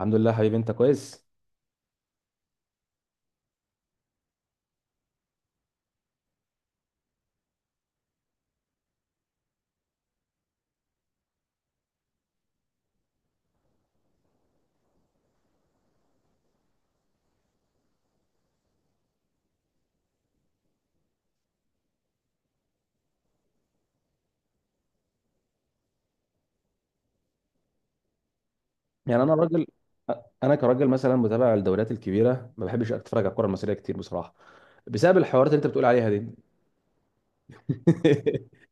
الحمد لله حبيبي انت كويس. يعني انا راجل انا كراجل مثلا متابع للدوريات الكبيره، ما بحبش اتفرج على الكره المصريه كتير بصراحه، بسبب الحوارات اللي انت بتقول عليها دي.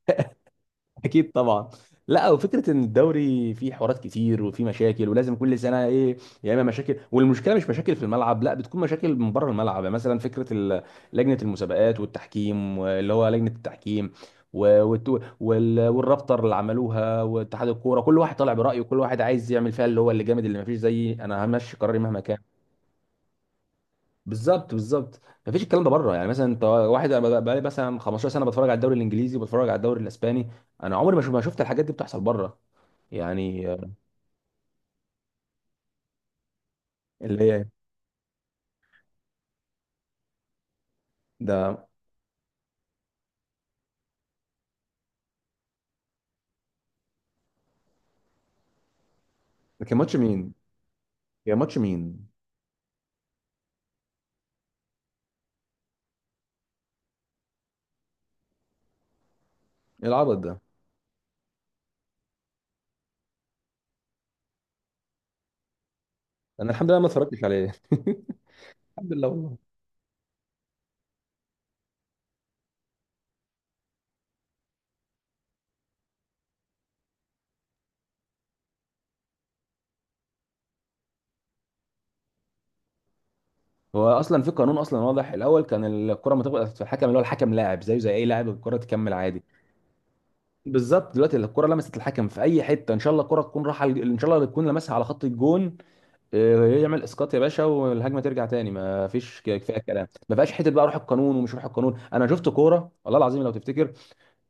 اكيد طبعا. لا، وفكره ان الدوري فيه حوارات كتير وفيه مشاكل، ولازم كل سنه ايه؟ يا اما مشاكل، والمشكله مش مشاكل في الملعب، لا بتكون مشاكل من بره الملعب. يعني مثلا لجنه المسابقات والتحكيم اللي هو لجنه التحكيم، والرابطه اللي عملوها واتحاد الكوره، كل واحد طالع برايه وكل واحد عايز يعمل فيها اللي هو اللي جامد، اللي ما فيش زيي انا، همشي قراري مهما كان. بالظبط بالظبط. مفيش الكلام ده بره، يعني مثلا انت واحد انا بقى لي مثلا 15 سنه بتفرج على الدوري الانجليزي وبتفرج على الدوري الاسباني. انا عمري ما شفت الحاجات دي بتحصل بره. يعني آه، اللي هي ده. ده كان ماتش مين؟ يا ماتش مين؟ ايه العبط ده؟ انا الحمد لله ما اتفرجتش عليه. الحمد لله والله. هو اصلا في قانون اصلا واضح، الاول كان الكره ما تخبط في الحكم، اللي هو الحكم لاعب زيه زي اي لاعب، الكره تكمل عادي. بالظبط، دلوقتي الكره لمست الحكم في اي حته، ان شاء الله الكره تكون راحه، ان شاء الله تكون لمسها على خط الجون، إيه، يعمل اسقاط يا باشا والهجمه ترجع تاني. ما فيش كفايه كلام، ما فيهاش حته بقى روح القانون ومش روح القانون. انا شفت كوره والله العظيم لو تفتكر،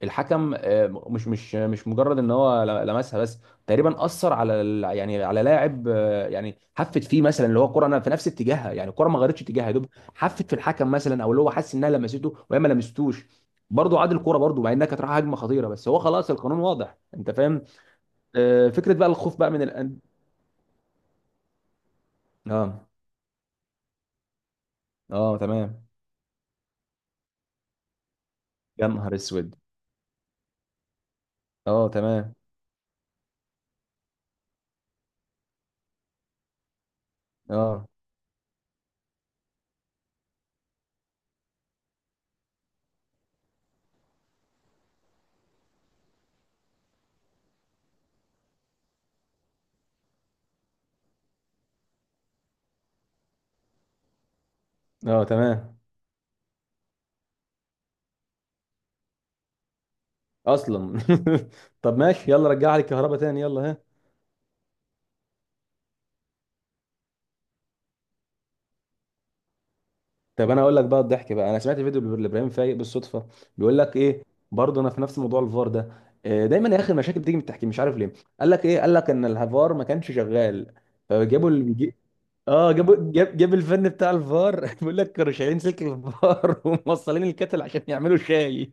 الحكم مش مجرد ان هو لمسها بس، تقريبا اثر على يعني على لاعب، يعني حفت فيه مثلا، اللي هو الكوره انا في نفس اتجاهها، يعني الكوره ما غيرتش اتجاهها يا دوب، حفت في الحكم مثلا، او اللي هو حس انها لمسته وهي ما لمستوش. برضه عاد الكوره برضه، مع انها كانت رايحه هجمه خطيره، بس هو خلاص القانون واضح، انت فاهم؟ فكره بقى الخوف بقى من الان. اه اه تمام. يا نهار اسود. اه تمام. اه اه تمام. اصلا. طب ماشي، يلا رجع لي الكهرباء تاني يلا ها. طب انا اقول لك بقى الضحك بقى، انا سمعت فيديو لابراهيم فايق بالصدفه بيقول لك ايه. برضه انا في نفس موضوع الفار ده، دايما يا اخي المشاكل بتيجي من التحكيم، مش عارف ليه. قال لك ايه، قال لك ان الفار ما كانش شغال، فجابوا اللي بيجي. اه جابوا جاب الفن بتاع الفار، بيقول لك كانوا شايلين سلك الفار وموصلين الكتل عشان يعملوا شاي.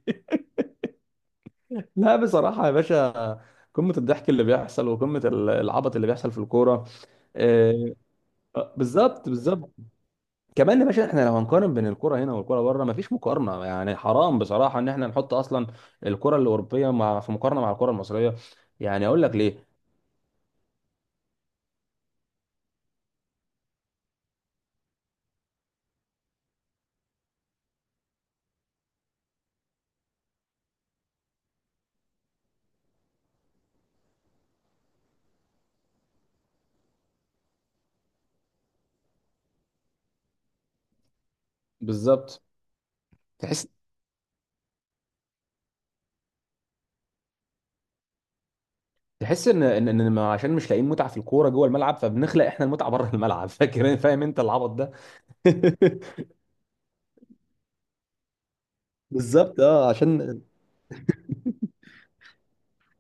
لا بصراحة يا باشا، قمة الضحك اللي بيحصل وقمة العبط اللي بيحصل في الكورة. آه، بالظبط بالظبط. كمان يا باشا، احنا لو هنقارن بين الكرة هنا والكرة بره، مفيش مقارنة. يعني حرام بصراحة ان احنا نحط اصلا الكرة الأوروبية مع، في مقارنة مع الكرة المصرية. يعني اقول لك ليه. بالظبط. تحس تحس ان ان إن ما- عشان مش لاقيين متعة في الكورة جوه الملعب، فبنخلق احنا المتعة بره الملعب. فاكر فاهم انت العبط ده. بالظبط اه عشان.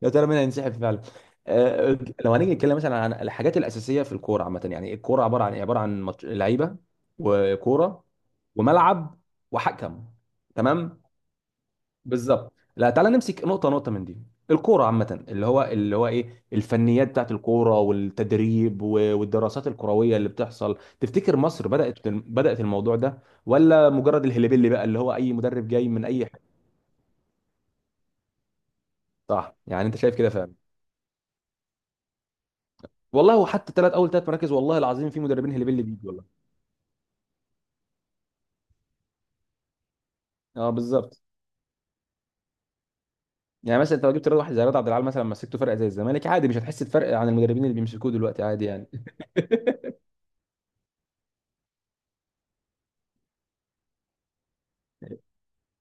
يا ترى مين هينسحب فعلا. آه، لو هنيجي نتكلم مثلا عن الحاجات الاساسيه في الكوره عامه، يعني الكوره عباره عن إيه؟ عباره عن لعيبه وكوره وملعب وحكم. تمام. بالظبط، لا تعالى نمسك نقطه نقطه من دي. الكوره عامه، اللي هو ايه الفنيات بتاعت الكوره والتدريب والدراسات الكرويه اللي بتحصل. تفتكر مصر بدات الموضوع ده، ولا مجرد الهليبيلي بقى، اللي هو اي مدرب جاي من اي حته؟ صح، يعني انت شايف كده فعلا. والله، وحتى اول ثلاث مراكز والله العظيم في مدربين هلبيل بيجي والله. اه بالظبط. يعني مثلا انت لو جبت رياض، واحد زي رياض عبد العال مثلا، مسكته فرقه زي الزمالك عادي، مش هتحس بفرق عن المدربين اللي بيمسكوه دلوقتي، عادي يعني.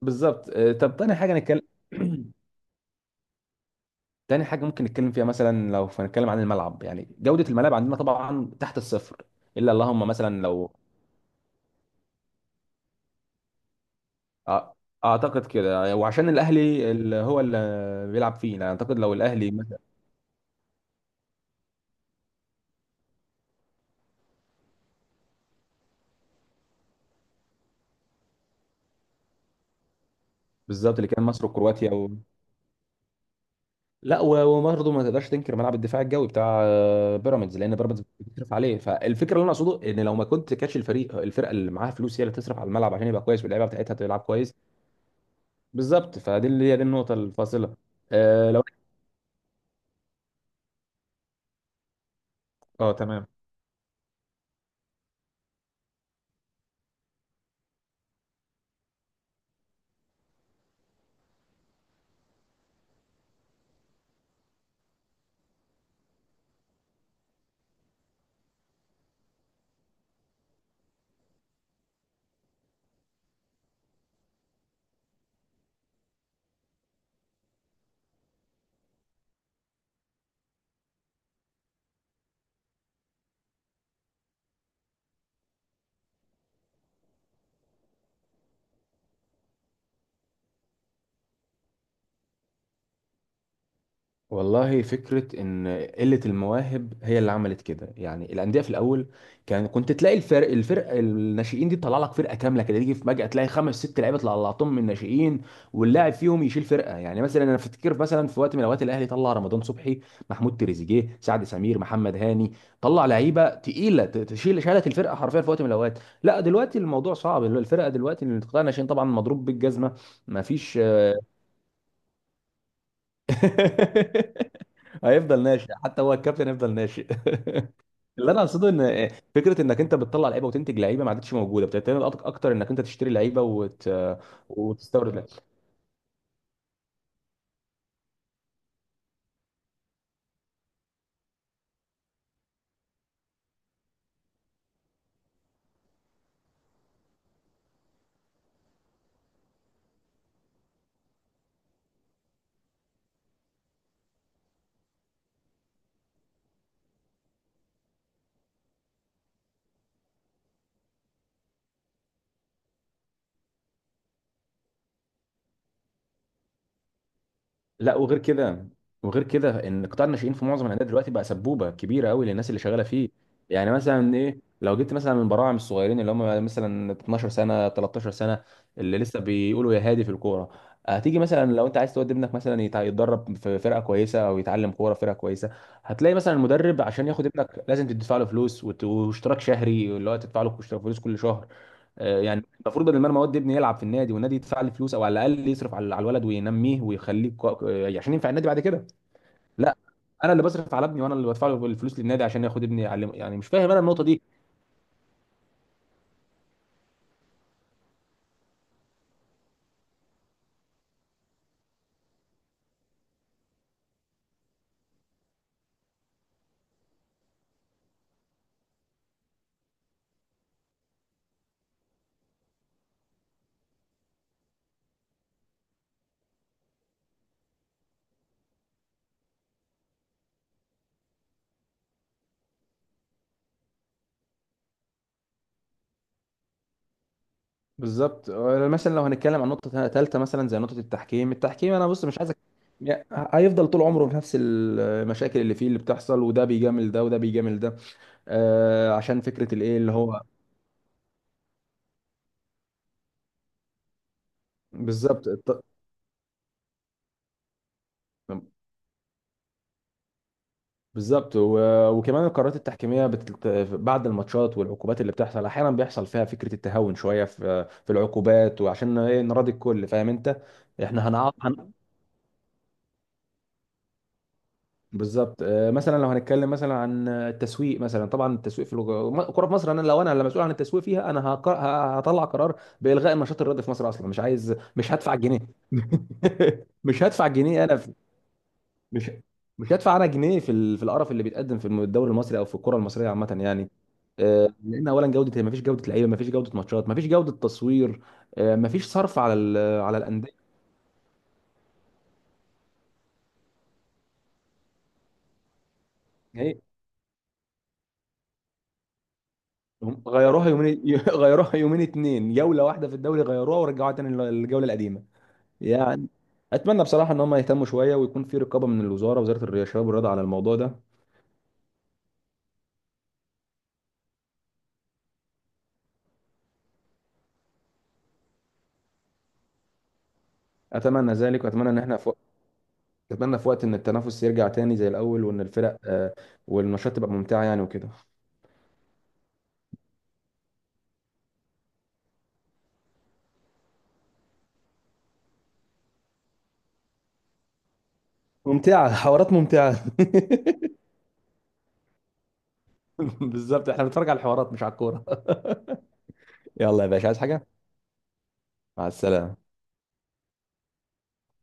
بالظبط طب تاني حاجه نتكلم. تاني حاجه ممكن نتكلم فيها مثلا، لو هنتكلم عن الملعب يعني جوده الملاعب عندنا طبعا تحت الصفر، الا اللهم مثلا لو آه، اعتقد كده، وعشان الاهلي اللي هو اللي بيلعب فيه، يعني اعتقد لو الاهلي مثلا. بالظبط، اللي كان مصر وكرواتيا. لا، وبرضه ما تقدرش تنكر ملعب الدفاع الجوي بتاع بيراميدز، لان بيراميدز بتصرف عليه. فالفكره اللي انا اقصده ان لو ما كنت كاتش الفريق، الفرقه اللي معاها فلوس هي اللي تصرف على الملعب عشان يبقى كويس واللعيبه بتاعتها تلعب كويس. بالظبط فدي، اللي هي دي النقطه الفاصله. آه لو. اه تمام. والله فكرة إن قلة المواهب هي اللي عملت كده، يعني الأندية في الأول كان كنت تلاقي الفرق الناشئين دي تطلع لك فرقة كاملة كده، تيجي في فجأة تلاقي خمس ست لعيبة طلعتهم من الناشئين، واللاعب فيهم يشيل فرقة. يعني مثلا أنا أفتكر مثلا في وقت من الأوقات الأهلي طلع رمضان صبحي، محمود تريزيجيه، سعد سمير، محمد هاني. طلع لعيبة تقيلة، ت- تشيل شالت الفرقة حرفيا في وقت من الأوقات. لا دلوقتي الموضوع صعب، الفرقة دلوقتي اللي طالع ناشئين طبعا مضروب بالجزمة. مفيش. هيفضل ناشئ، حتى هو الكابتن هيفضل ناشئ. اللي انا اقصده ان فكره انك انت بتطلع لعيبه وتنتج لعيبه ما عادتش موجوده، بتعتمد اكتر انك انت تشتري لعيبه وتستورد. لا وغير كده، ان قطاع الناشئين في معظم الانديه دلوقتي بقى سبوبه كبيره قوي للناس اللي شغاله فيه. يعني مثلا ايه، لو جبت مثلا من براعم الصغيرين اللي هم مثلا 12 سنه، 13 سنه، اللي لسه بيقولوا يا هادي في الكوره، هتيجي مثلا لو انت عايز تودي ابنك مثلا يتدرب في فرقه كويسه او يتعلم كوره في فرقه كويسه، هتلاقي مثلا المدرب عشان ياخد ابنك لازم تدفع له فلوس واشتراك شهري، اللي هو تدفع له اشتراك فلوس كل شهر. يعني المفروض بدل ما المواد دي ابني يلعب في النادي والنادي يدفع لي فلوس، او على الاقل يصرف على الولد وينميه ويخليه عشان ينفع النادي بعد كده. لا. انا اللي بصرف على ابني وانا اللي بدفع له الفلوس للنادي عشان ياخد ابني يعلمه. يعني مش فاهم انا النقطه دي. بالظبط مثلا لو هنتكلم عن نقطه ثالثه مثلا زي نقطه التحكيم. التحكيم انا بص مش عايز يعني هيفضل طول عمره في نفس المشاكل اللي فيه اللي بتحصل، وده بيجامل ده وده بيجامل ده. آه عشان فكره الايه اللي هو. بالظبط بالظبط وكمان القرارات التحكيميه بعد الماتشات والعقوبات اللي بتحصل احيانا، بيحصل فيها فكره التهاون شويه في العقوبات، وعشان ايه؟ نراضي الكل، فاهم انت. احنا هنعاق هن... بالظبط مثلا لو هنتكلم مثلا عن التسويق، مثلا طبعا التسويق في الكوره في مصر، انا لو انا اللي مسؤول عن التسويق فيها انا هطلع قرار بالغاء النشاط الرياضي في مصر اصلا، مش عايز، مش هدفع جنيه. مش هدفع جنيه انا، مش مش هيدفع انا جنيه في في القرف اللي بيتقدم في الدوري المصري، او في الكره المصريه عامه يعني. لان اولا جوده، ما فيش جوده لعيبه، ما فيش جوده ماتشات، ما فيش جوده تصوير، ما فيش صرف على على الانديه. يعني هم غيروها يومين، غيروها يومين اتنين، جوله واحده في الدوري، غيروها ورجعوها تاني للجوله القديمه. يعني اتمنى بصراحه ان هم يهتموا شويه ويكون في رقابه من الوزاره، وزاره الرياضه، الشباب والرياضه على الموضوع ده. اتمنى ذلك، واتمنى ان احنا اتمنى في وقت ان التنافس يرجع تاني زي الاول، وان الفرق والنشاط تبقى ممتعه يعني وكده. ممتعة، حوارات ممتعة. بالظبط، احنا بنتفرج على الحوارات مش على الكورة. يلا يا باشا عايز حاجة؟ مع السلامة.